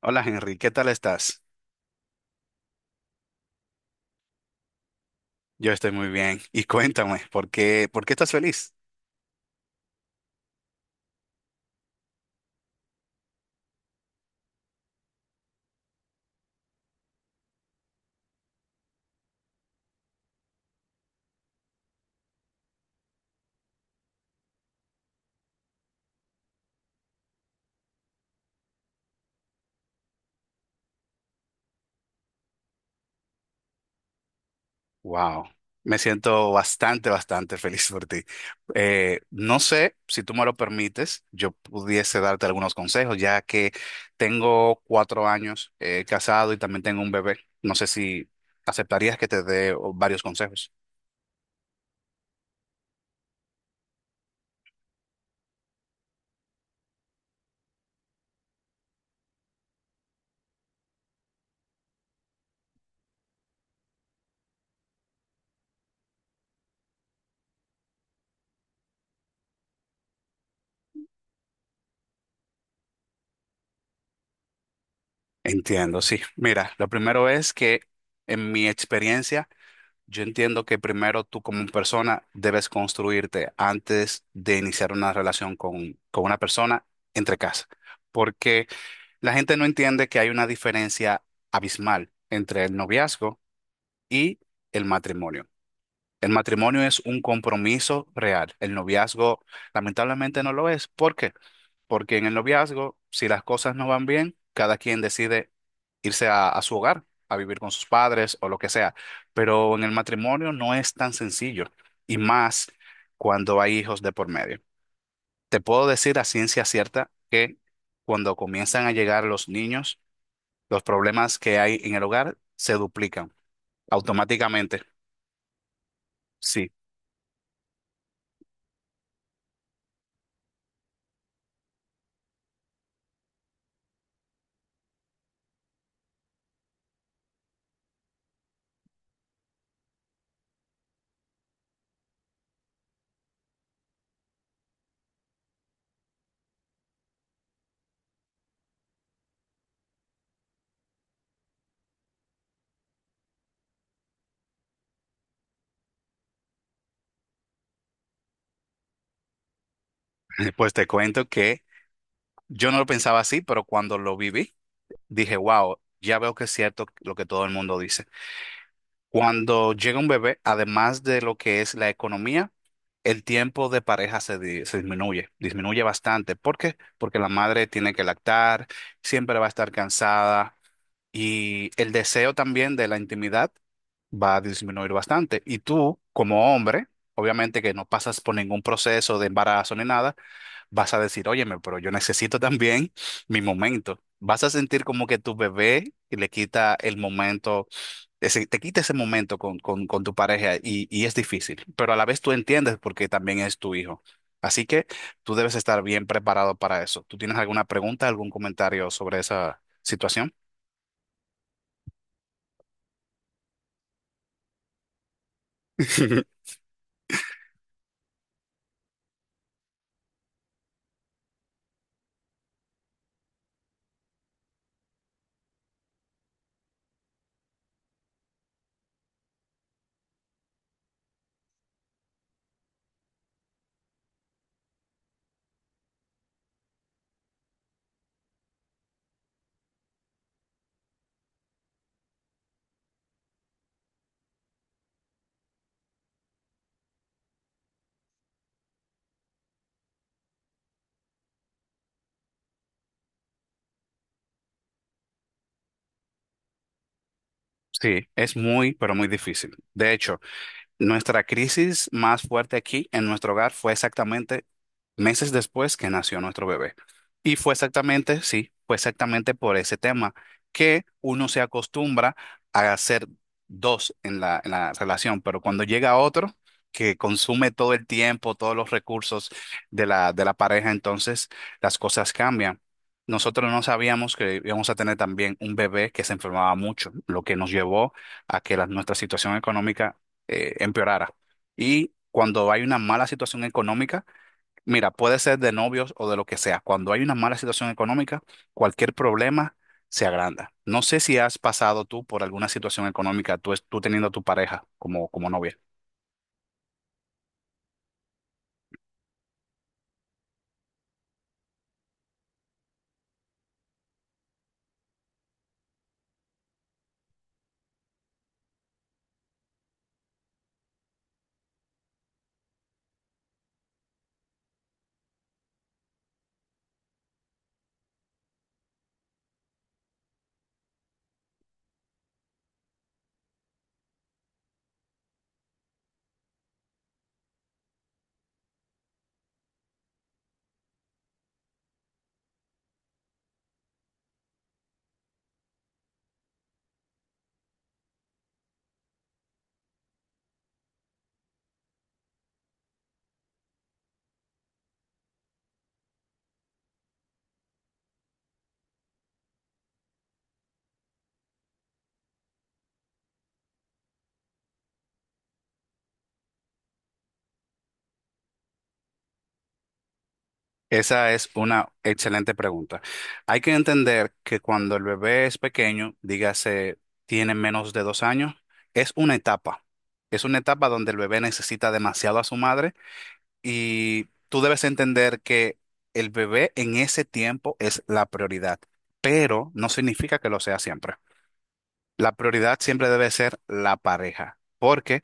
Hola Henry, ¿qué tal estás? Yo estoy muy bien. Y cuéntame, ¿por qué estás feliz? Wow, me siento bastante, bastante feliz por ti. No sé si tú me lo permites, yo pudiese darte algunos consejos, ya que tengo 4 años casado y también tengo un bebé. No sé si aceptarías que te dé oh, varios consejos. Entiendo, sí. Mira, lo primero es que en mi experiencia yo entiendo que primero tú como persona debes construirte antes de iniciar una relación con una persona entre casa, porque la gente no entiende que hay una diferencia abismal entre el noviazgo y el matrimonio. El matrimonio es un compromiso real. El noviazgo lamentablemente no lo es. ¿Por qué? Porque en el noviazgo, si las cosas no van bien, cada quien decide irse a su hogar, a vivir con sus padres o lo que sea. Pero en el matrimonio no es tan sencillo. Y más cuando hay hijos de por medio. Te puedo decir a ciencia cierta que cuando comienzan a llegar los niños, los problemas que hay en el hogar se duplican automáticamente. Sí, pues te cuento que yo no lo pensaba así, pero cuando lo viví, dije, wow, ya veo que es cierto lo que todo el mundo dice. Cuando llega un bebé, además de lo que es la economía, el tiempo de pareja se disminuye, disminuye bastante. ¿Por qué? Porque la madre tiene que lactar, siempre va a estar cansada y el deseo también de la intimidad va a disminuir bastante. Y tú, como hombre, obviamente que no pasas por ningún proceso de embarazo ni nada, vas a decir, óyeme, pero yo necesito también mi momento. Vas a sentir como que tu bebé le quita el momento, te quita ese momento con tu pareja, y es difícil, pero a la vez tú entiendes porque también es tu hijo. Así que tú debes estar bien preparado para eso. ¿Tú tienes alguna pregunta, algún comentario sobre esa situación? Sí, es muy, pero muy difícil. De hecho, nuestra crisis más fuerte aquí en nuestro hogar fue exactamente meses después que nació nuestro bebé. Y fue exactamente, sí, fue exactamente por ese tema, que uno se acostumbra a hacer dos en la relación, pero cuando llega otro que consume todo el tiempo, todos los recursos de la pareja, entonces las cosas cambian. Nosotros no sabíamos que íbamos a tener también un bebé que se enfermaba mucho, lo que nos llevó a que nuestra situación económica empeorara. Y cuando hay una mala situación económica, mira, puede ser de novios o de lo que sea. Cuando hay una mala situación económica, cualquier problema se agranda. No sé si has pasado tú por alguna situación económica, tú, tú teniendo a tu pareja como novia. Esa es una excelente pregunta. Hay que entender que cuando el bebé es pequeño, dígase, tiene menos de 2 años, es una etapa. Es una etapa donde el bebé necesita demasiado a su madre. Y tú debes entender que el bebé en ese tiempo es la prioridad, pero no significa que lo sea siempre. La prioridad siempre debe ser la pareja, porque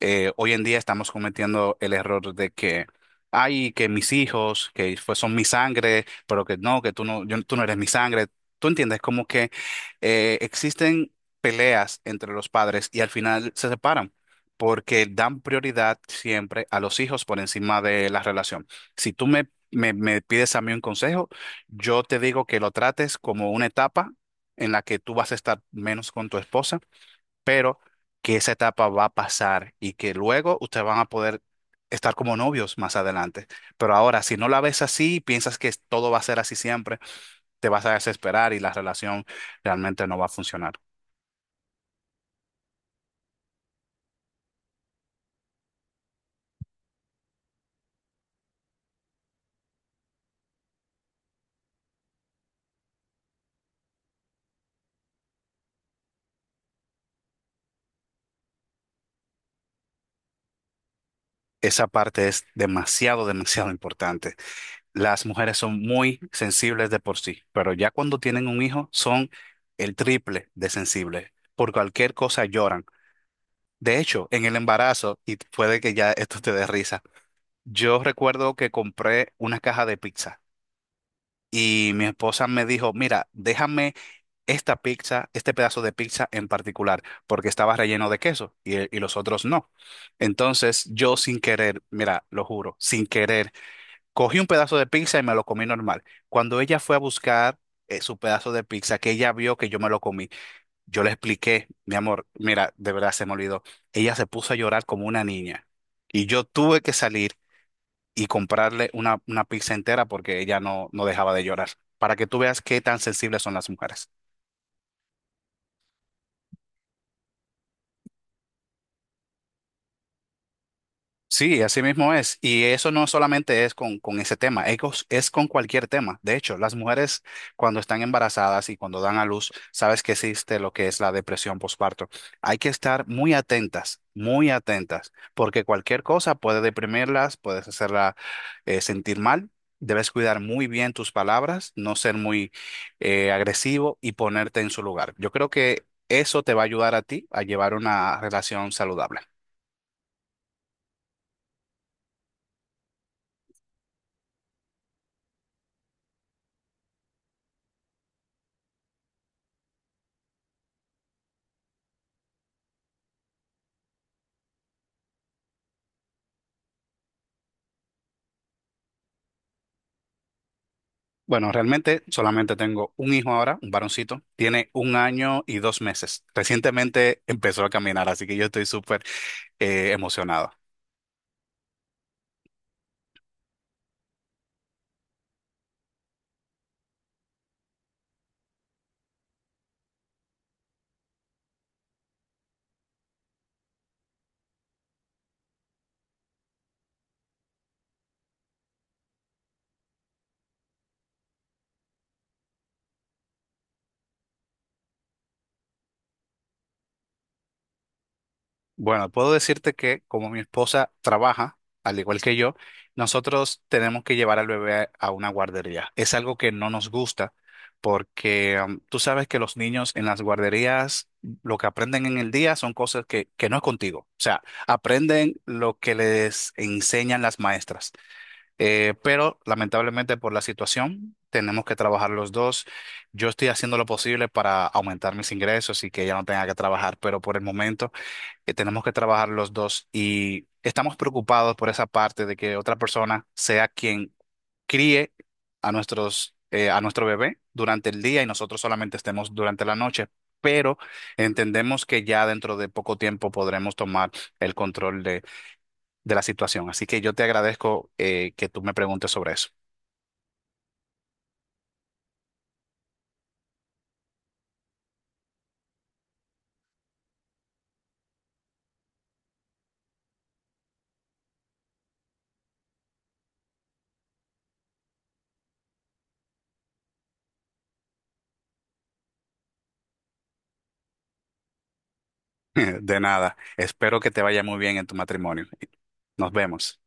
hoy en día estamos cometiendo el error de que, ay, que mis hijos, que son mi sangre, pero que no, que tú no, tú no eres mi sangre. Tú entiendes, como que existen peleas entre los padres y al final se separan, porque dan prioridad siempre a los hijos por encima de la relación. Si tú me pides a mí un consejo, yo te digo que lo trates como una etapa en la que tú vas a estar menos con tu esposa, pero que esa etapa va a pasar y que luego ustedes van a poder estar como novios más adelante. Pero ahora, si no la ves así, piensas que todo va a ser así siempre, te vas a desesperar y la relación realmente no va a funcionar. Esa parte es demasiado, demasiado importante. Las mujeres son muy sensibles de por sí, pero ya cuando tienen un hijo son el triple de sensibles. Por cualquier cosa lloran. De hecho, en el embarazo, y puede que ya esto te dé risa, yo recuerdo que compré una caja de pizza y mi esposa me dijo, mira, déjame esta pizza, este pedazo de pizza en particular, porque estaba relleno de queso y los otros no. Entonces yo sin querer, mira, lo juro, sin querer, cogí un pedazo de pizza y me lo comí normal. Cuando ella fue a buscar su pedazo de pizza, que ella vio que yo me lo comí, yo le expliqué, mi amor, mira, de verdad se me olvidó. Ella se puso a llorar como una niña y yo tuve que salir y comprarle una pizza entera porque ella no dejaba de llorar, para que tú veas qué tan sensibles son las mujeres. Sí, así mismo es. Y eso no solamente es con ese tema, es, es con cualquier tema. De hecho, las mujeres cuando están embarazadas y cuando dan a luz, sabes que existe lo que es la depresión postparto. Hay que estar muy atentas, porque cualquier cosa puede deprimirlas, puedes hacerla sentir mal. Debes cuidar muy bien tus palabras, no ser muy agresivo y ponerte en su lugar. Yo creo que eso te va a ayudar a ti a llevar una relación saludable. Bueno, realmente solamente tengo un hijo ahora, un varoncito. Tiene 1 año y 2 meses. Recientemente empezó a caminar, así que yo estoy súper emocionado. Bueno, puedo decirte que como mi esposa trabaja, al igual que yo, nosotros tenemos que llevar al bebé a una guardería. Es algo que no nos gusta porque tú sabes que los niños en las guarderías lo que aprenden en el día son cosas que no es contigo. O sea, aprenden lo que les enseñan las maestras. Pero lamentablemente por la situación tenemos que trabajar los dos. Yo estoy haciendo lo posible para aumentar mis ingresos y que ella no tenga que trabajar, pero por el momento tenemos que trabajar los dos y estamos preocupados por esa parte de que otra persona sea quien críe a nuestro bebé durante el día y nosotros solamente estemos durante la noche. Pero entendemos que ya dentro de poco tiempo podremos tomar el control de la situación. Así que yo te agradezco que tú me preguntes sobre eso. De nada. Espero que te vaya muy bien en tu matrimonio. Nos vemos.